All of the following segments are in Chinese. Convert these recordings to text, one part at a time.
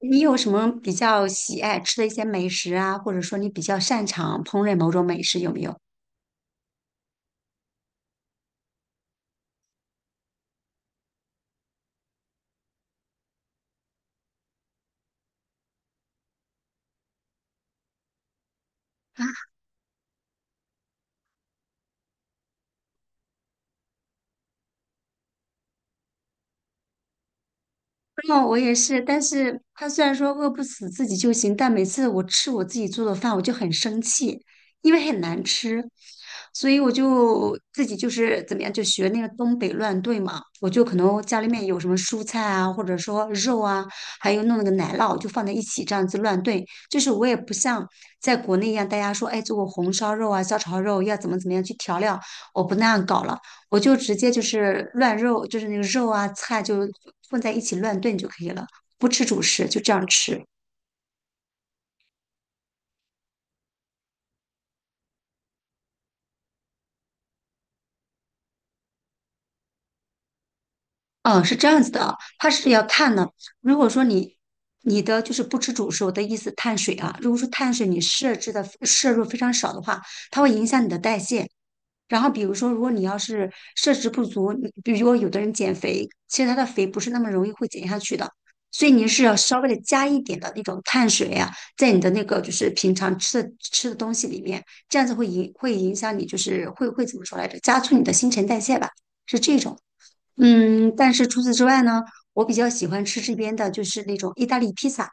你有什么比较喜爱吃的一些美食啊，或者说你比较擅长烹饪某种美食，有没有？哦，我也是，但是他虽然说饿不死自己就行，但每次我吃我自己做的饭，我就很生气，因为很难吃，所以我就自己就是怎么样，就学那个东北乱炖嘛，我就可能家里面有什么蔬菜啊，或者说肉啊，还有弄那个奶酪，就放在一起这样子乱炖。就是我也不像在国内一样，大家说，哎，做个红烧肉啊、小炒肉要怎么怎么样去调料，我不那样搞了。我就直接就是乱肉，就是那个肉啊菜就混在一起乱炖就可以了，不吃主食，就这样吃。嗯，是这样子的啊，它是要看呢。如果说你的就是不吃主食，我的意思碳水啊，如果说碳水你摄制的摄入非常少的话，它会影响你的代谢，然后比如说，如果你要是摄食不足，你比如说有的人减肥，其实他的肥不是那么容易会减下去的，所以你是要稍微的加一点的那种碳水啊，在你的那个就是平常吃的东西里面，这样子会影响你，就是会怎么说来着？加速你的新陈代谢吧，是这种。嗯，但是除此之外呢，我比较喜欢吃这边的就是那种意大利披萨。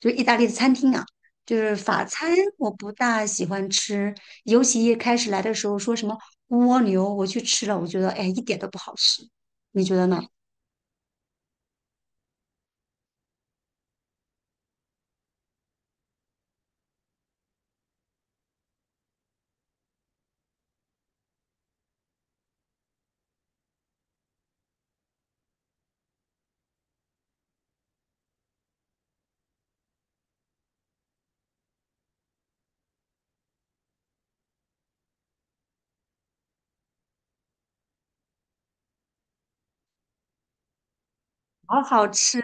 就是意大利的餐厅啊，就是法餐我不大喜欢吃，尤其一开始来的时候说什么蜗牛，我去吃了，我觉得哎一点都不好吃，你觉得呢？好好吃，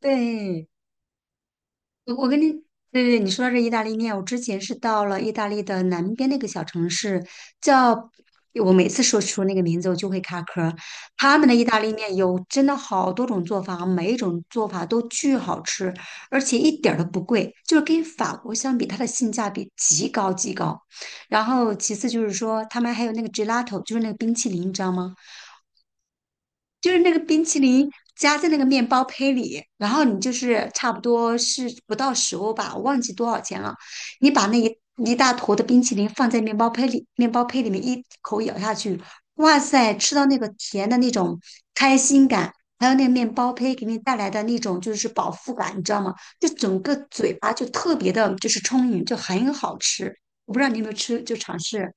对，我跟你，对对，对你说到这意大利面，我之前是到了意大利的南边那个小城市，叫我每次说出那个名字，我就会卡壳儿。他们的意大利面有真的好多种做法，每一种做法都巨好吃，而且一点儿都不贵，就是跟法国相比，它的性价比极高极高。然后其次就是说，他们还有那个 gelato，就是那个冰淇淋，你知道吗？就是那个冰淇淋夹在那个面包胚里，然后你就是差不多是不到10欧吧，我忘记多少钱了。你把一大坨的冰淇淋放在面包胚里，面包胚里面一口咬下去，哇塞，吃到那个甜的那种开心感，还有那个面包胚给你带来的那种就是饱腹感，你知道吗？就整个嘴巴就特别的，就是充盈，就很好吃。我不知道你有没有吃，就尝试啊？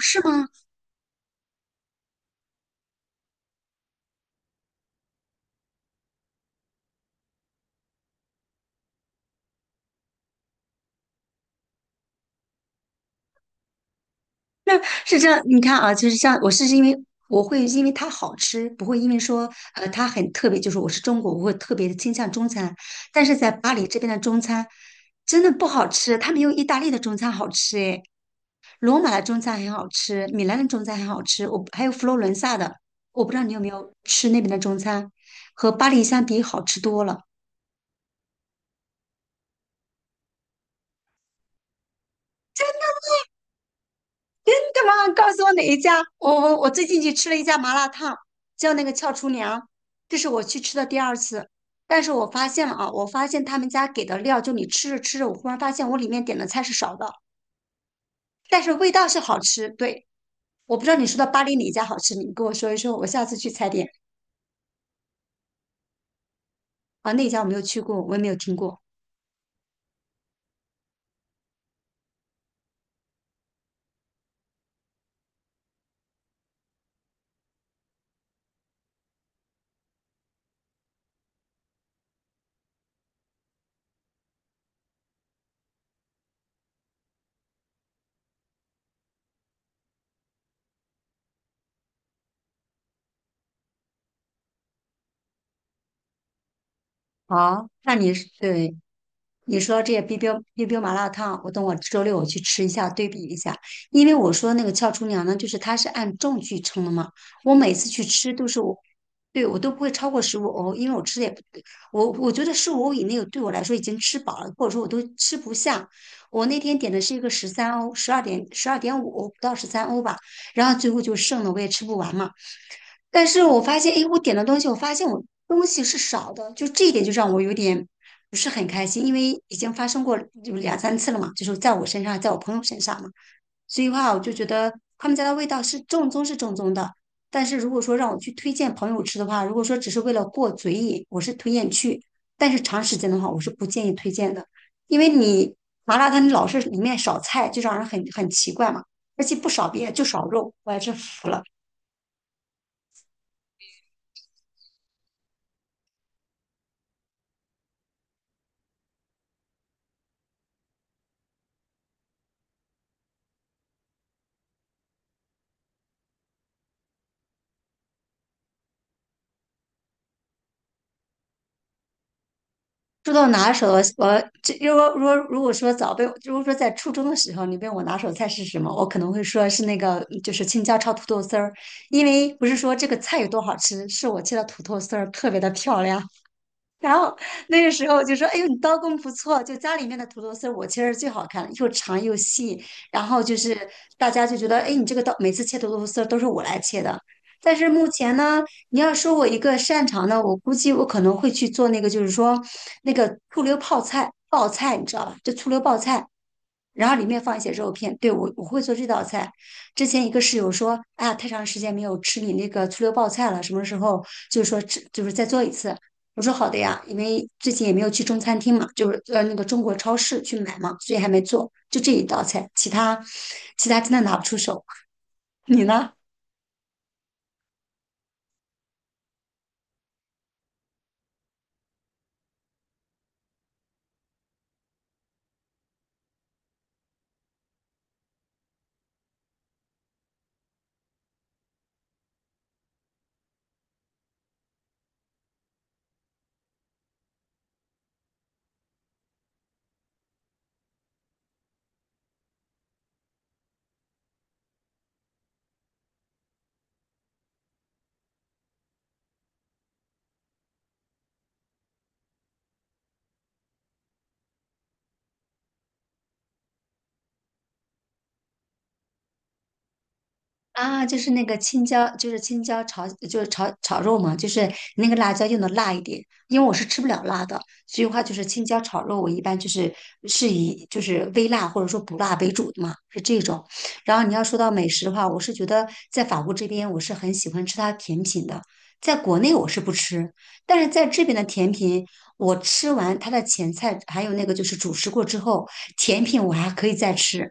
是吗？那是这样，你看啊，就是像我是因为我会因为它好吃，不会因为说它很特别，就是我是中国，我会特别的倾向中餐。但是在巴黎这边的中餐真的不好吃，它没有意大利的中餐好吃诶。罗马的中餐很好吃，米兰的中餐很好吃，我还有佛罗伦萨的，我不知道你有没有吃那边的中餐，和巴黎相比好吃多了。干嘛告诉我哪一家？我最近去吃了一家麻辣烫，叫那个俏厨娘，这是我去吃的第二次。但是我发现了啊，我发现他们家给的料，就你吃着吃着，我忽然发现我里面点的菜是少的，但是味道是好吃。对，我不知道你说的巴黎哪一家好吃，你跟我说一说，我下次去踩点啊。那家我没有去过，我也没有听过。好，那你是对你说这些 BB 冰冰麻辣烫，我等我周六我去吃一下，对比一下。因为我说那个俏厨娘呢，就是它是按重去称的嘛。我每次去吃都是我，对我都不会超过十五欧，因为我吃的也不，我觉得十五欧以内对我来说已经吃饱了，或者说我都吃不下。我那天点的是一个十三欧，12.5欧不到十三欧吧，然后最后就剩了，我也吃不完嘛。但是我发现，哎，我点的东西，我发现我东西是少的，就这一点就让我有点不是很开心，因为已经发生过就两三次了嘛，就是在我身上，在我朋友身上嘛，所以话我就觉得他们家的味道是正宗是正宗的，但是如果说让我去推荐朋友吃的话，如果说只是为了过嘴瘾，我是推荐去，但是长时间的话，我是不建议推荐的，因为你麻辣烫你老是里面少菜，就让人很奇怪嘛，而且不少别的就少肉，我也是服了。说到拿手我这如果说在初中的时候，你问我拿手菜是什么，我可能会说是那个就是青椒炒土豆丝儿，因为不是说这个菜有多好吃，是我切的土豆丝儿特别的漂亮，然后那个时候就说：“哎呦，你刀工不错，就家里面的土豆丝我切是最好看的，又长又细。然后就是大家就觉得，哎，你这个刀每次切土豆丝都是我来切的。但是目前呢，你要说我一个擅长的，我估计我可能会去做那个，就是说那个醋溜泡菜，爆菜，你知道吧？就醋溜爆菜。”然后里面放一些肉片。对，我会做这道菜。之前一个室友说，哎呀，太长时间没有吃你那个醋溜爆菜了，什么时候就是说吃，就是再做一次。我说好的呀，因为最近也没有去中餐厅嘛，就是那个中国超市去买嘛，所以还没做，就这一道菜，其他真的拿不出手。你呢？啊，就是那个青椒，就是青椒炒，就是炒肉嘛，就是那个辣椒用的辣一点，因为我是吃不了辣的，所以的话就是青椒炒肉，我一般就是是以就是微辣或者说不辣为主的嘛，是这种。然后你要说到美食的话，我是觉得在法国这边我是很喜欢吃它的甜品的，在国内我是不吃，但是在这边的甜品，我吃完它的前菜还有那个就是主食过之后，甜品我还可以再吃。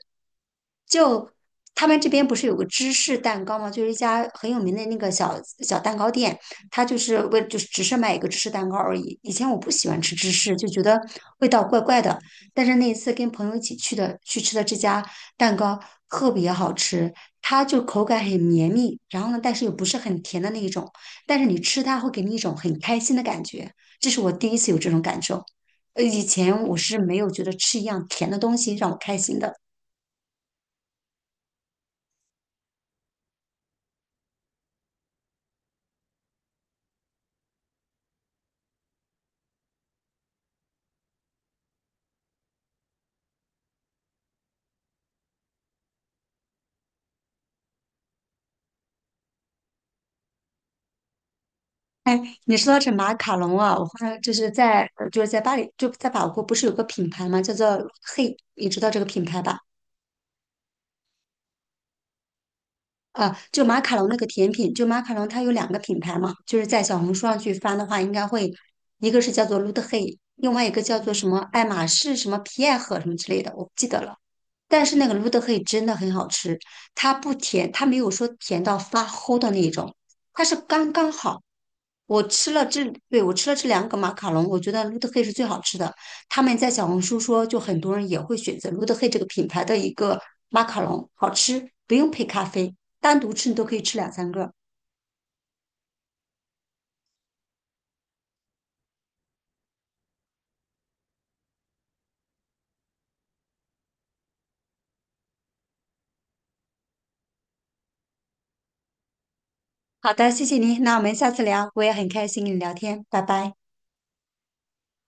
就他们这边不是有个芝士蛋糕吗？就是一家很有名的那个小小蛋糕店，它就是为就是只是卖一个芝士蛋糕而已。以前我不喜欢吃芝士，就觉得味道怪怪的。但是那一次跟朋友一起去的，去吃的这家蛋糕特别好吃，它就口感很绵密，然后呢，但是又不是很甜的那一种，但是你吃它会给你一种很开心的感觉，这是我第一次有这种感受。以前我是没有觉得吃一样甜的东西让我开心的。哎，你说到这马卡龙啊，我后来就是在就是在巴黎，就在法国，不是有个品牌吗？叫做 Hey，你知道这个品牌吧？啊，就马卡龙那个甜品，就马卡龙它有两个品牌嘛，就是在小红书上去翻的话，应该会一个是叫做 l o t t Hey，另外一个叫做什么爱马仕什么皮埃赫什么之类的，我不记得了。但是那个芦德黑真的很好吃，它不甜，它没有说甜到发齁的那一种，它是刚刚好。我吃了这，对，我吃了这两个马卡龙，我觉得卢德黑是最好吃的。他们在小红书说，就很多人也会选择卢德黑这个品牌的一个马卡龙，好吃，不用配咖啡，单独吃你都可以吃两三个。好的，谢谢您，那我们下次聊，我也很开心跟你聊天，拜拜。